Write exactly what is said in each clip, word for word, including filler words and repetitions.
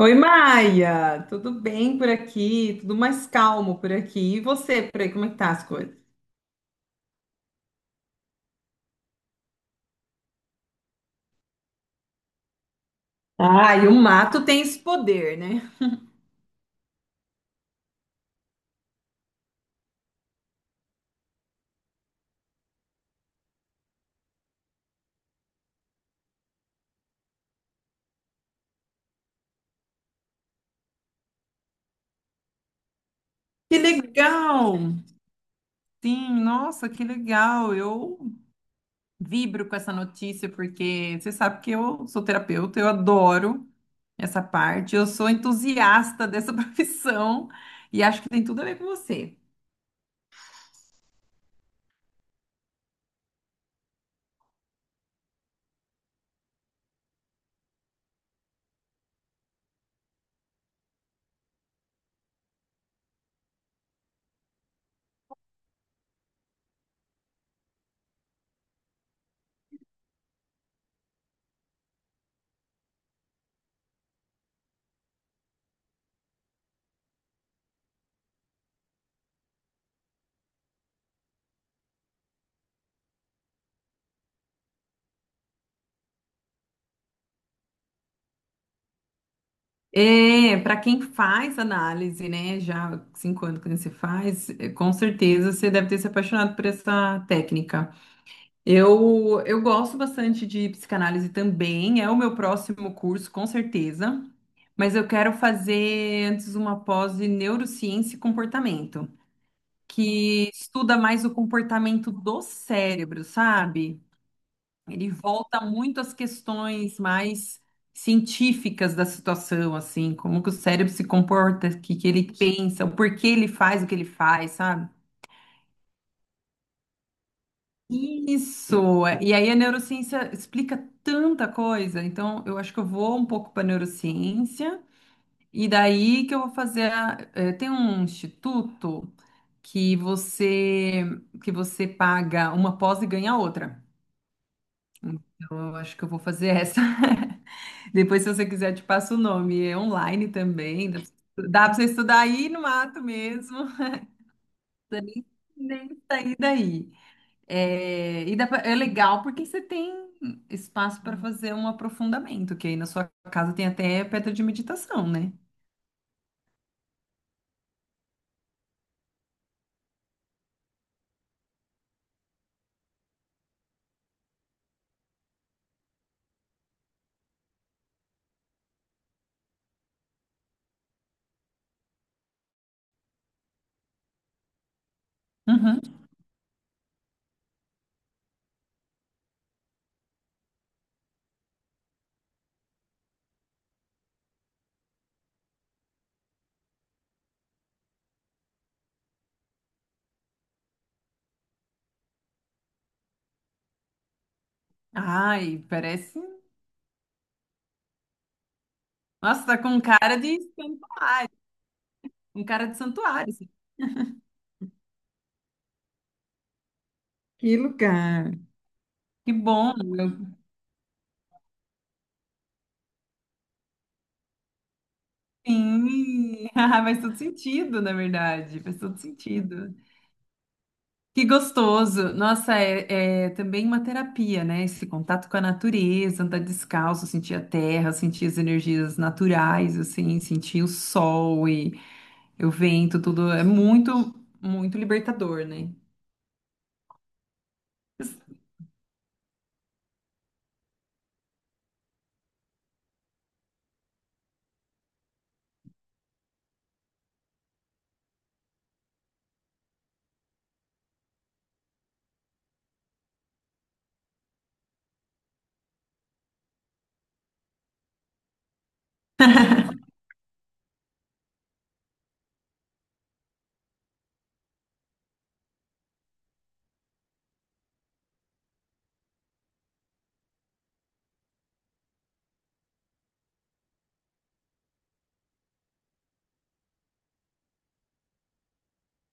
Oi, Maia, tudo bem por aqui? Tudo mais calmo por aqui. E você, por aí, como é que tá as coisas? Ah, e o mato tem esse poder, né? Que legal! Sim, nossa, que legal! Eu vibro com essa notícia porque você sabe que eu sou terapeuta, eu adoro essa parte, eu sou entusiasta dessa profissão e acho que tem tudo a ver com você. É, para quem faz análise, né, já há cinco anos que você faz, é, com certeza você deve ter se apaixonado por essa técnica. Eu, eu gosto bastante de psicanálise também, é o meu próximo curso, com certeza, mas eu quero fazer antes uma pós em neurociência e comportamento, que estuda mais o comportamento do cérebro, sabe? Ele volta muito às questões mais científicas da situação, assim, como que o cérebro se comporta, o que que ele pensa, o porquê ele faz o que ele faz, sabe? Isso! E aí a neurociência explica tanta coisa, então eu acho que eu vou um pouco para neurociência, e daí que eu vou fazer. A- eh, tem um instituto que você que você paga uma pós e ganha outra. Então eu acho que eu vou fazer essa. Depois, se você quiser, eu te passo o nome. É online também. Dá para você estudar aí no mato mesmo. Nem sair daí. É, e dá pra- é legal porque você tem espaço para fazer um aprofundamento, que aí na sua casa tem até pedra de meditação, né? Uhum. Ai, parece. Nossa, tá com um cara de santuário. Um cara de santuário, assim. Que lugar. Que bom. Eu- Sim. Faz todo sentido, na verdade. Faz todo sentido. Que gostoso! Nossa, é, é também uma terapia, né? Esse contato com a natureza, andar descalço, sentir a terra, sentir as energias naturais, assim, sentir o sol e o vento, tudo é muito, muito libertador, né?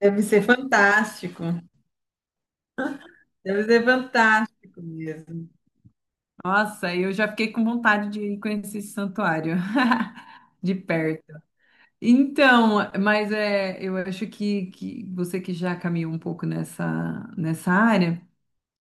Deve ser fantástico. Deve ser fantástico mesmo. Nossa, eu já fiquei com vontade de ir conhecer esse santuário de perto. Então, mas é, eu acho que, que você que já caminhou um pouco nessa, nessa área.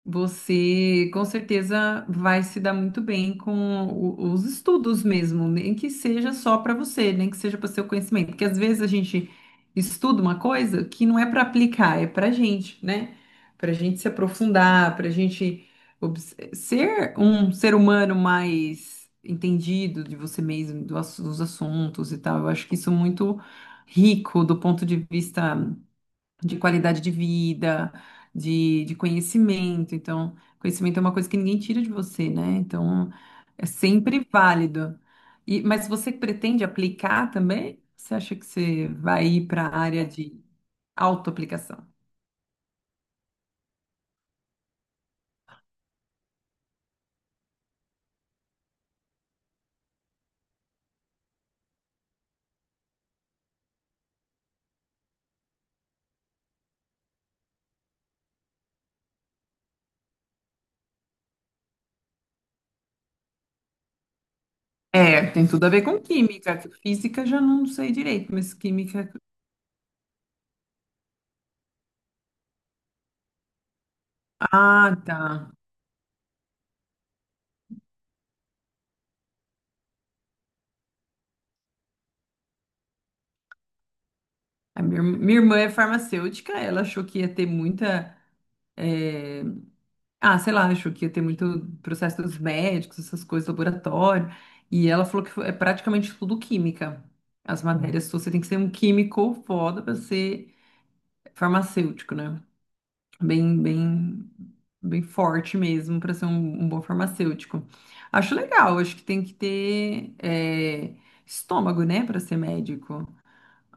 Você com certeza vai se dar muito bem com o- os estudos mesmo, nem que seja só para você, nem que seja para seu conhecimento, porque às vezes a gente estuda uma coisa que não é para aplicar, é para gente, né? Para gente se aprofundar, para gente obs- ser um ser humano mais entendido de você mesmo, do ass- dos assuntos e tal. Eu acho que isso é muito rico do ponto de vista de qualidade de vida, de, de conhecimento. Então, conhecimento é uma coisa que ninguém tira de você, né? Então, é sempre válido. E, mas você pretende aplicar também? Você acha que você vai ir para a área de autoaplicação? É, tem tudo a ver com química. Física já não sei direito, mas química. Ah, tá. A minha, irm- minha irmã é farmacêutica, ela achou que ia ter muita. Ah, sei lá, achou que ia ter muito processo dos médicos, essas coisas, laboratório. E ela falou que foi- é praticamente tudo química. As Uhum. matérias, suas, você tem que ser um químico foda para ser farmacêutico, né? Bem, bem, bem forte mesmo para ser um, um bom farmacêutico. Acho legal, acho que tem que ter é, estômago, né, para ser médico.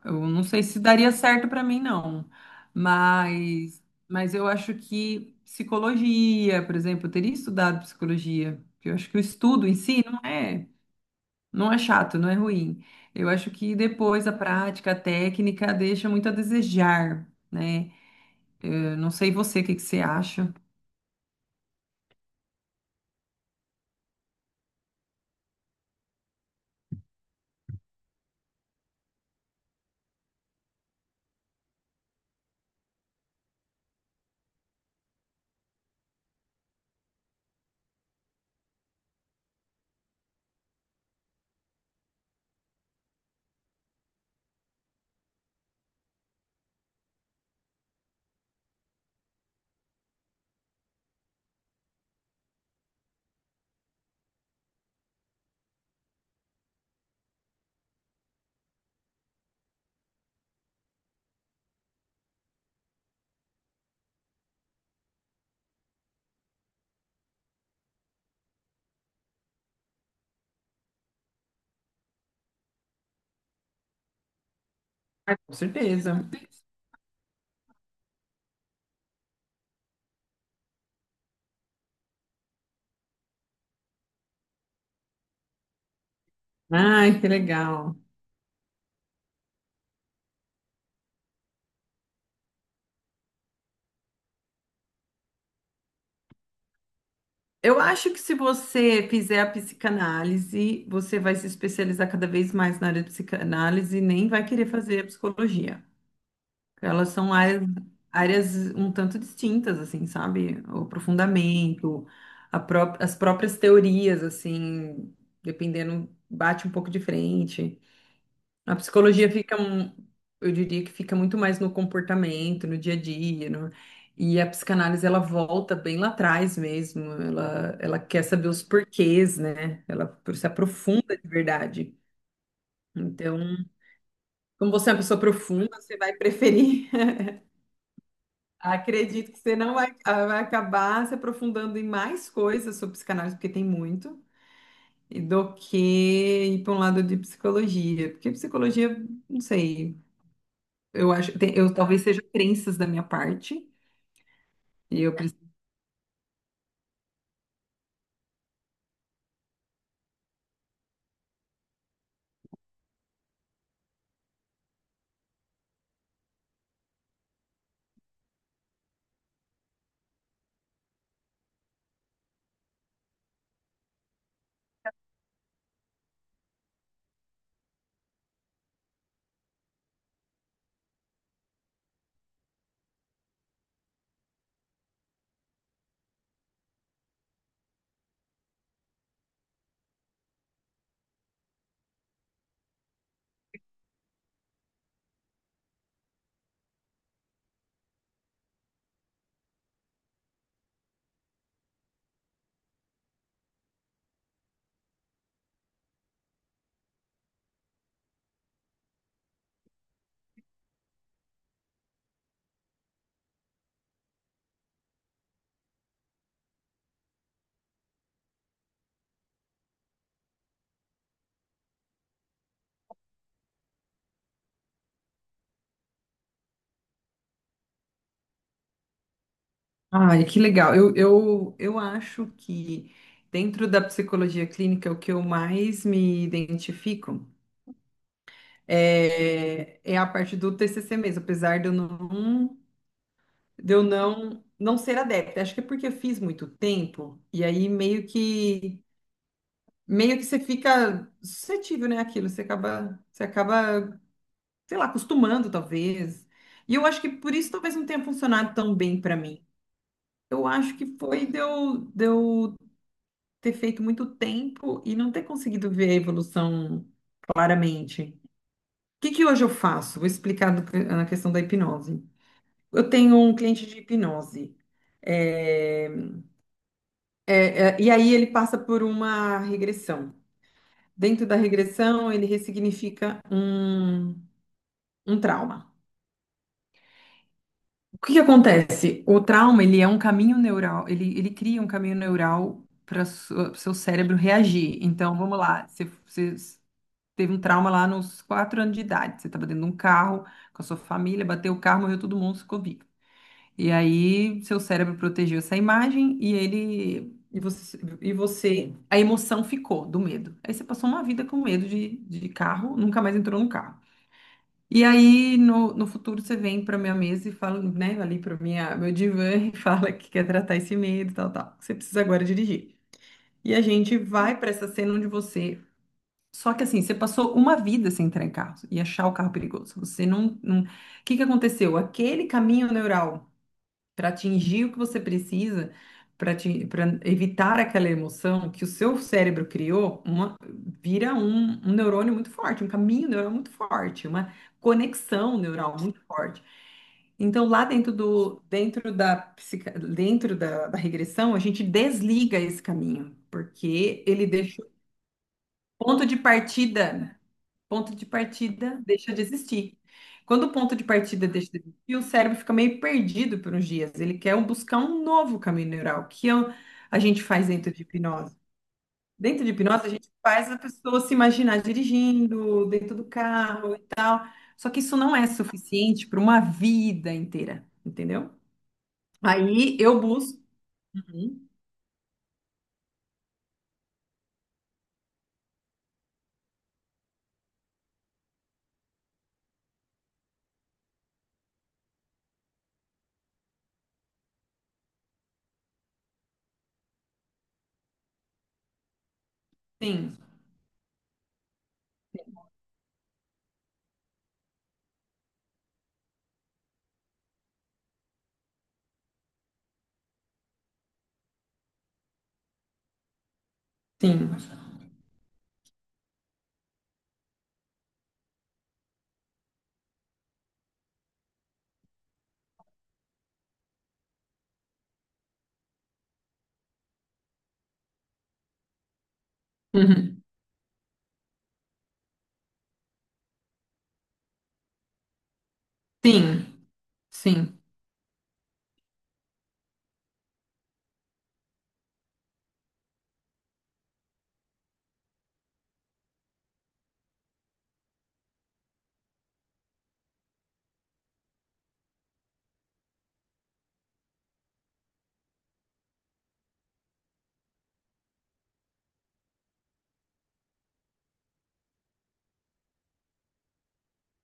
Eu não sei se daria certo para mim, não. Mas, mas eu acho que psicologia, por exemplo, eu teria estudado psicologia, porque eu acho que o estudo em si não é, não é chato, não é ruim. Eu acho que depois a prática, a técnica deixa muito a desejar, né? Eu não sei você, o que que você acha? Com certeza. Ai, que legal. Eu acho que se você fizer a psicanálise, você vai se especializar cada vez mais na área de psicanálise e nem vai querer fazer a psicologia. Elas são áreas, áreas um tanto distintas, assim, sabe? O aprofundamento, a pró- as próprias teorias, assim, dependendo, bate um pouco de frente. A psicologia fica, um- eu diria que fica muito mais no comportamento, no dia a dia, no- e a psicanálise ela volta bem lá atrás mesmo, ela, ela quer saber os porquês, né? Ela se aprofunda de verdade. Então, como você é uma pessoa profunda, você vai preferir. Acredito que você não vai, ah, vai acabar se aprofundando em mais coisas sobre psicanálise, porque tem muito, e do que ir para um lado de psicologia, porque psicologia, não sei. Eu acho, tem- eu talvez seja crenças da minha parte, e eu preciso. Ai, que legal. Eu, eu, eu acho que dentro da psicologia clínica, o que eu mais me identifico é, é a parte do T C C mesmo, apesar de eu não, de eu não, não ser adepta. Acho que é porque eu fiz muito tempo, e aí meio que meio que você fica suscetível, né, àquilo, você acaba, você acaba, sei lá, acostumando, talvez. E eu acho que por isso talvez não tenha funcionado tão bem para mim. Eu acho que foi de eu, de eu ter feito muito tempo e não ter conseguido ver a evolução claramente. O que que hoje eu faço? Vou explicar do que- na questão da hipnose. Eu tenho um cliente de hipnose. É, é, é, e aí ele passa por uma regressão. Dentro da regressão, ele ressignifica um, um trauma. O que que acontece? O trauma, ele é um caminho neural, ele, ele cria um caminho neural para o seu cérebro reagir. Então, vamos lá, você, você teve um trauma lá nos quatro anos de idade, você estava dentro de um carro com a sua família, bateu o carro, morreu todo mundo, ficou vivo. E aí, seu cérebro protegeu essa imagem e ele. E você, e você, a emoção ficou do medo. Aí você passou uma vida com medo de, de carro, nunca mais entrou no carro. E aí, no, no futuro, você vem para minha mesa e fala, né, ali para minha, meu divã e fala que quer tratar esse medo, tal, tal. Você precisa agora dirigir. E a gente vai para essa cena onde você. Só que assim, você passou uma vida sem entrar em carro e achar o carro perigoso. Você não, não. O que que aconteceu? Aquele caminho neural para atingir o que você precisa, para evitar aquela emoção que o seu cérebro criou, uma, vira um, um neurônio muito forte, um caminho neural muito forte, uma conexão neural muito forte. Então, lá dentro do, dentro da, psica- dentro da, da regressão, a gente desliga esse caminho, porque ele deixa o ponto de partida. Ponto de partida deixa de existir. Quando o ponto de partida deixa de existir, o cérebro fica meio perdido por uns dias. Ele quer um- buscar um novo caminho neural, que é o- a gente faz dentro de hipnose. Dentro de hipnose, a gente faz a pessoa se imaginar dirigindo dentro do carro. Só que isso não é suficiente para uma vida inteira, entendeu? Aí eu busco. Uhum. Sim, sim. Uhum. Sim, sim.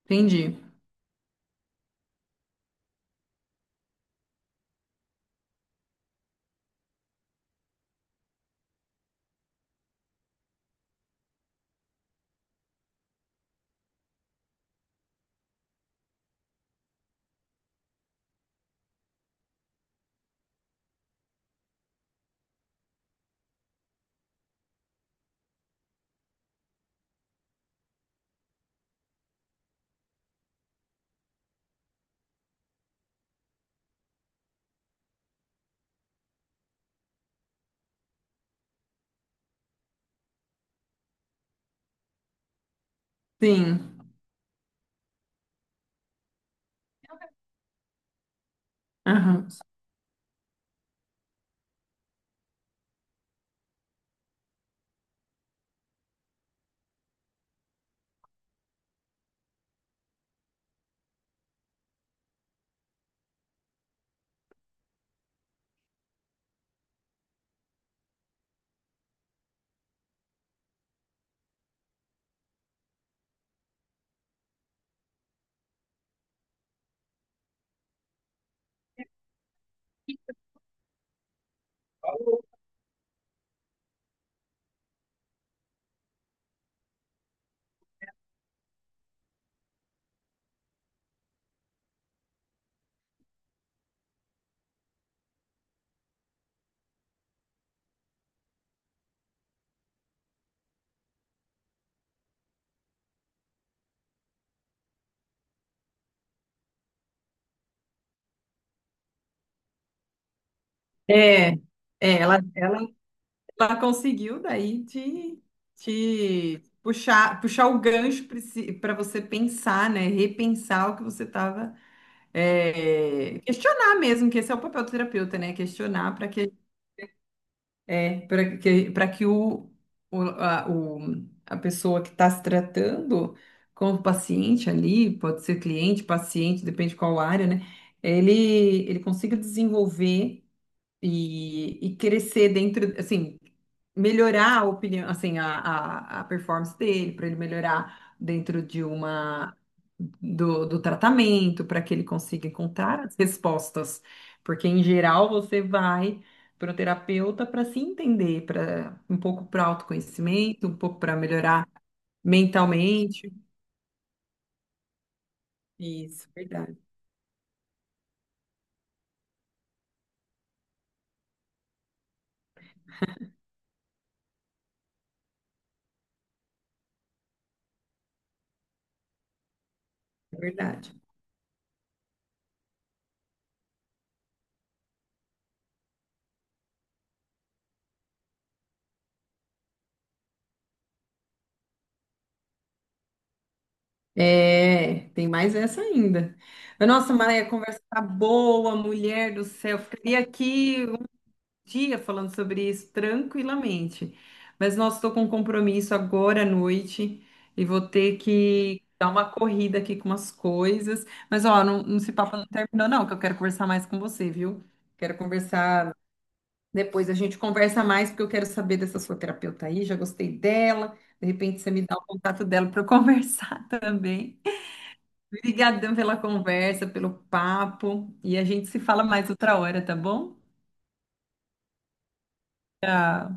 Entendi. Sim. Aham. É, é, ela, ela Ela conseguiu daí te, te puxar, puxar o gancho para você pensar, né? Repensar o que você estava, questionar mesmo, que esse é o papel do terapeuta, né? Questionar para que, é, para que, para que o, o, a, o- a pessoa que está se tratando com o paciente ali, pode ser cliente, paciente, depende qual área, né? Ele, ele consiga desenvolver e, e crescer dentro, assim, melhorar a opinião, assim, a, a, a performance dele, para ele melhorar dentro de uma do, do tratamento, para que ele consiga encontrar as respostas. Porque em geral você vai para o terapeuta para se entender, para um pouco para autoconhecimento, um pouco para melhorar mentalmente. Isso, verdade, é verdade. É, tem mais essa ainda. Mas, nossa, Maria, a conversa tá boa, mulher do céu. Ficaria aqui um dia falando sobre isso tranquilamente. Mas, nossa, estou com um compromisso agora à noite e vou ter que dar uma corrida aqui com umas coisas. Mas, ó, não, não se papo não terminou, não, que eu quero conversar mais com você, viu? Quero conversar depois. A gente conversa mais, porque eu quero saber dessa sua terapeuta aí. Já gostei dela. De repente, você me dá o contato dela para eu conversar também. Obrigadão pela conversa, pelo papo. E a gente se fala mais outra hora, tá bom? Tá.